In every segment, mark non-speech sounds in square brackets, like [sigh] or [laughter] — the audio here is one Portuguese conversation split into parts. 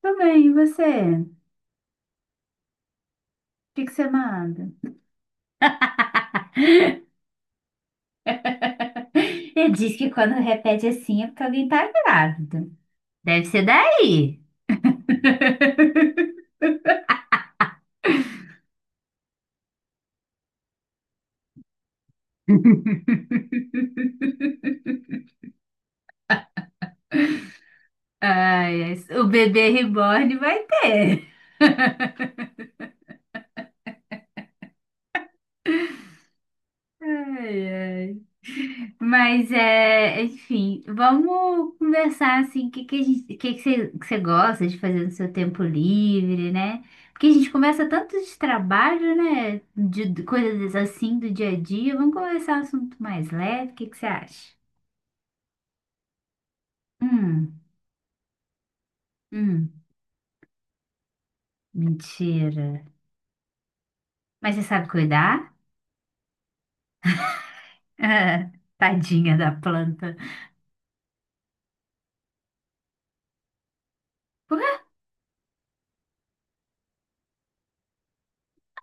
Tudo bem, e você? O que que você manda? Ele diz que quando repete assim é porque alguém tá grávida. Deve ser daí. [laughs] Ai, ai, o bebê reborn vai ter. Ai, ai. Mas é, enfim, vamos conversar assim, o que que a gente, o que que você gosta de fazer no seu tempo livre, né? Porque a gente conversa tanto de trabalho, né? De coisas assim do dia a dia. Vamos conversar um assunto mais leve. O que que você acha? Hum, hum, mentira. Mas você sabe cuidar? [laughs] Ah, tadinha da planta.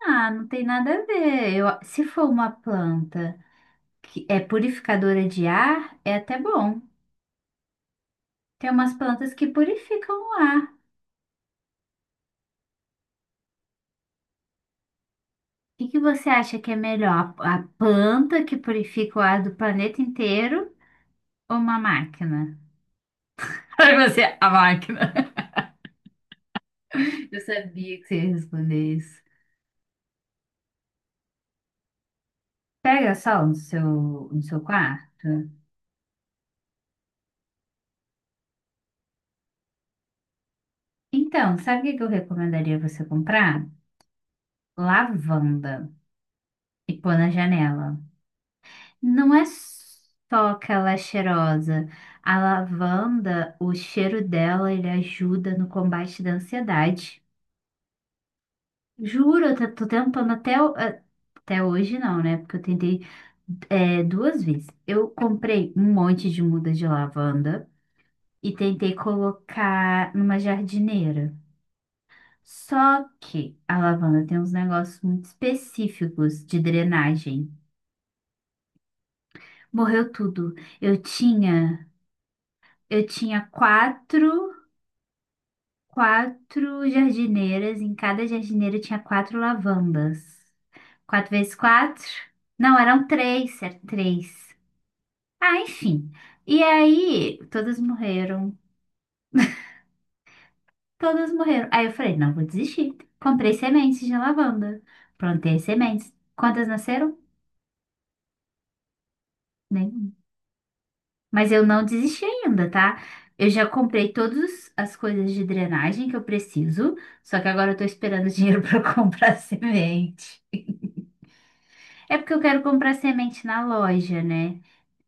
Ah, não tem nada a ver. Eu, se for uma planta que é purificadora de ar, é até bom. Tem umas plantas que purificam o ar. O que que você acha que é melhor? A planta que purifica o ar do planeta inteiro ou uma máquina? [laughs] Aí você, é a máquina. Eu sabia que você ia responder isso. Pega sol no seu quarto. Então, sabe o que que eu recomendaria você comprar? Lavanda e pôr na janela. Não é só aquela cheirosa. A lavanda, o cheiro dela, ele ajuda no combate da ansiedade. Juro, tô tentando até, até hoje não, né? Porque eu tentei duas vezes. Eu comprei um monte de muda de lavanda e tentei colocar numa jardineira. Só que a lavanda tem uns negócios muito específicos de drenagem. Morreu tudo. Eu tinha, eu tinha quatro jardineiras. Em cada jardineira tinha quatro lavandas. Quatro vezes quatro? Não, eram três, era três. Ah, enfim. E aí, todas morreram. Todas morreram. Aí eu falei, não vou desistir. Comprei sementes de lavanda. Plantei as sementes. Quantas nasceram? Nenhuma. Mas eu não desisti ainda, tá? Eu já comprei todas as coisas de drenagem que eu preciso, só que agora eu tô esperando dinheiro [laughs] para comprar semente. É porque eu quero comprar semente na loja, né?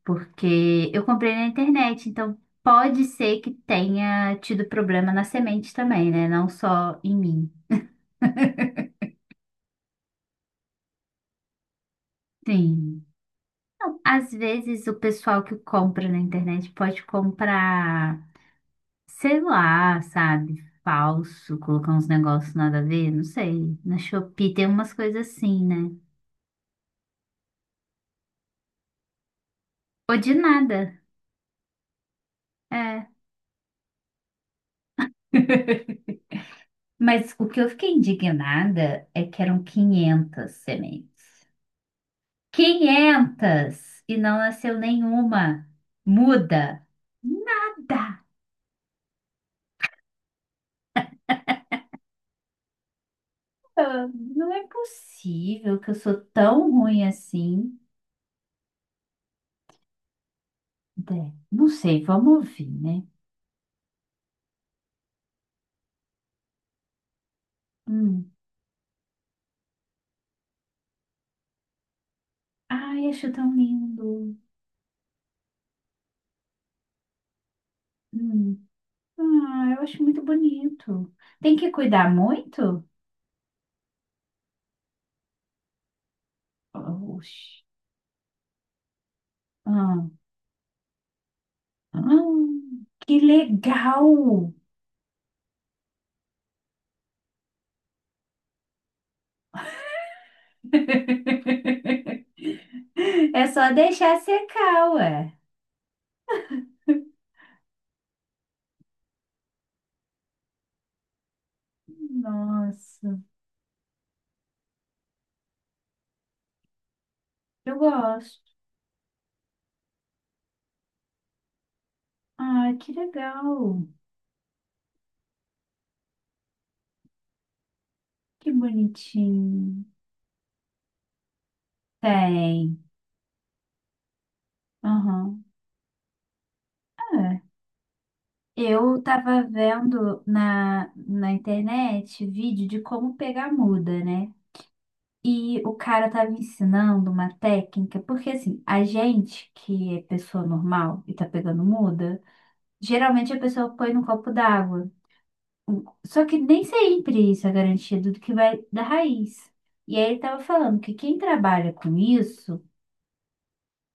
Porque eu comprei na internet, então pode ser que tenha tido problema na semente também, né? Não só em mim. Sim. Não, às vezes o pessoal que compra na internet pode comprar. Sei lá, sabe? Falso, colocar uns negócios nada a ver, não sei. Na Shopee tem umas coisas assim, né? Ou de nada, é. [laughs] Mas o que eu fiquei indignada é que eram 500 sementes. Quinhentas e não nasceu nenhuma. Muda. Nada. Ah, não é possível que eu sou tão ruim assim. É, não sei, vamos ouvir, né? Hum. Ai, acho tão lindo. Hum. Ah, eu acho muito bonito. Tem que cuidar muito? Oxi. Ah, ah, que legal! [laughs] É só deixar secar, ué. Nossa, eu gosto. Ai, que legal. Que bonitinho. Tem. Aham. É. Eu tava vendo na internet vídeo de como pegar muda, né? E o cara estava ensinando uma técnica, porque assim, a gente que é pessoa normal e tá pegando muda, geralmente a pessoa põe no copo d'água. Só que nem sempre isso é garantido do que vai da raiz. E aí ele estava falando que quem trabalha com isso,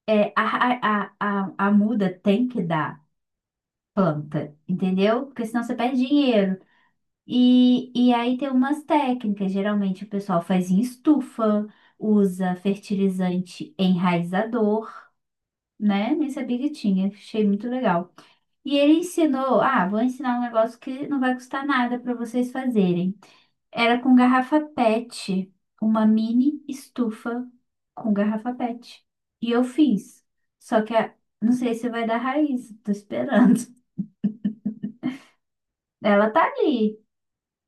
é, a, ra- a muda tem que dar planta, entendeu? Porque senão você perde dinheiro. E aí tem umas técnicas, geralmente o pessoal faz em estufa, usa fertilizante enraizador, né? Nem sabia que tinha, achei muito legal. E ele ensinou, ah, vou ensinar um negócio que não vai custar nada para vocês fazerem. Era com garrafa PET, uma mini estufa com garrafa PET. E eu fiz. Só que a- não sei se vai dar raiz, tô esperando. [laughs] Ela tá ali.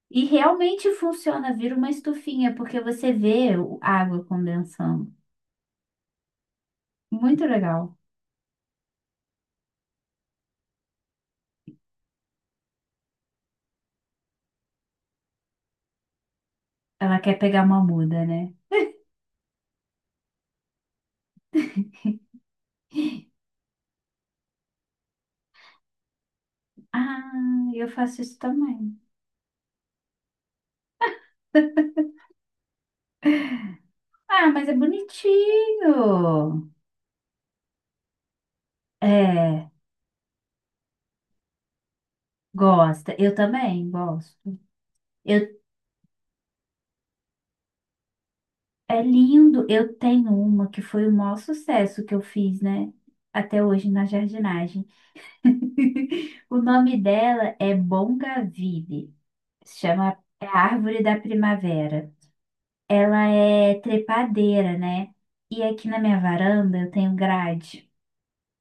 E realmente funciona, vira uma estufinha, porque você vê a água condensando. Muito legal. Ela quer pegar uma muda, né? Ah, eu faço isso também. Ah, mas é bonitinho. É, gosta. Eu também gosto. Eu, é lindo. Eu tenho uma que foi o maior sucesso que eu fiz, né? Até hoje na jardinagem. [laughs] O nome dela é Bongaville. Se chama é a Árvore da Primavera. Ela é trepadeira, né? E aqui na minha varanda eu tenho grade.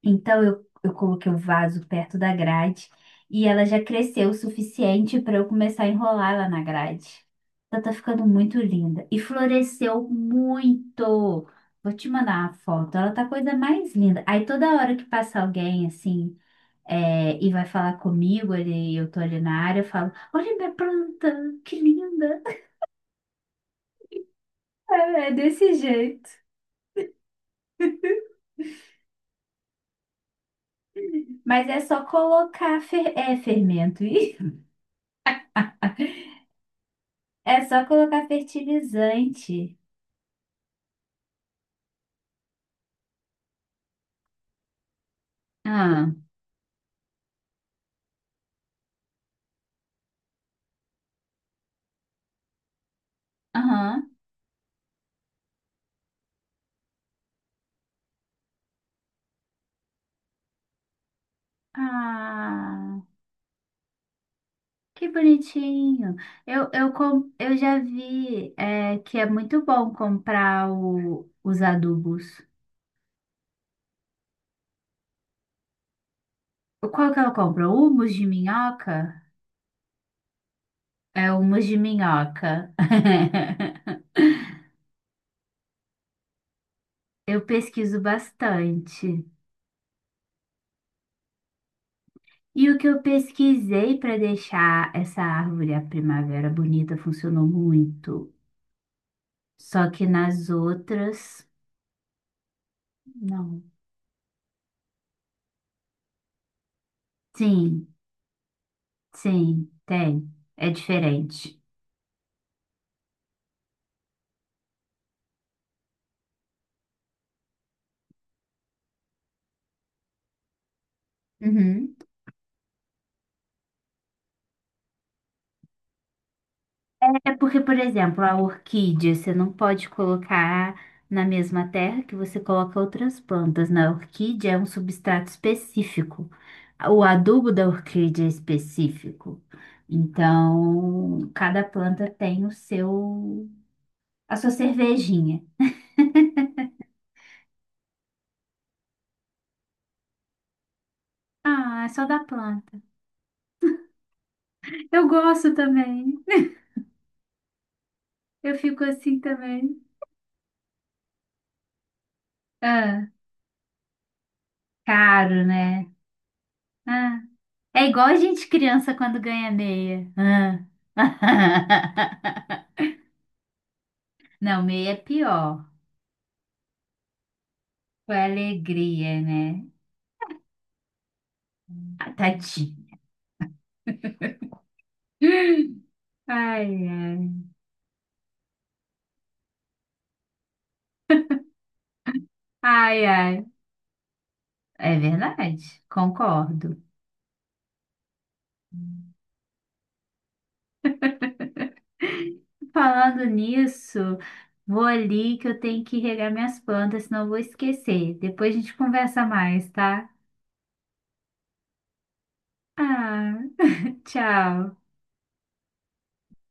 Então eu coloquei o vaso perto da grade e ela já cresceu o suficiente para eu começar a enrolar ela na grade. Ela tá ficando muito linda e floresceu muito. Vou te mandar uma foto. Ela tá a coisa mais linda. Aí toda hora que passa alguém assim e vai falar comigo, ele, eu tô ali na área, eu falo: Olha minha planta, que linda! [laughs] É é desse jeito. Mas é só colocar é, fermento. [laughs] Ih. É só colocar fertilizante. Ah, aham. Ah, que bonitinho. Eu já vi é, que é muito bom comprar os adubos. Qual que eu compro? O humus de minhoca? É o humus de minhoca. [laughs] Eu pesquiso bastante. E o que eu pesquisei para deixar essa árvore, a primavera, bonita, funcionou muito. Só que nas outras, não. Sim, sim, tem. É diferente. Uhum. É porque, por exemplo, a orquídea, você não pode colocar na mesma terra que você coloca outras plantas. Na orquídea é um substrato específico. O adubo da orquídea é específico. Então, cada planta tem o seu, a sua cervejinha. Ah, é só da planta. Eu gosto também. Eu fico assim também. Ah, caro, né? Ah, é igual a gente criança quando ganha meia. Ah. [laughs] Não, meia é pior. Foi alegria, né? Ah, tadinho. Ai, ai. Ai, ai. É verdade, concordo. Falando nisso, vou ali que eu tenho que regar minhas plantas, senão eu vou esquecer. Depois a gente conversa mais, tá? Ah, tchau.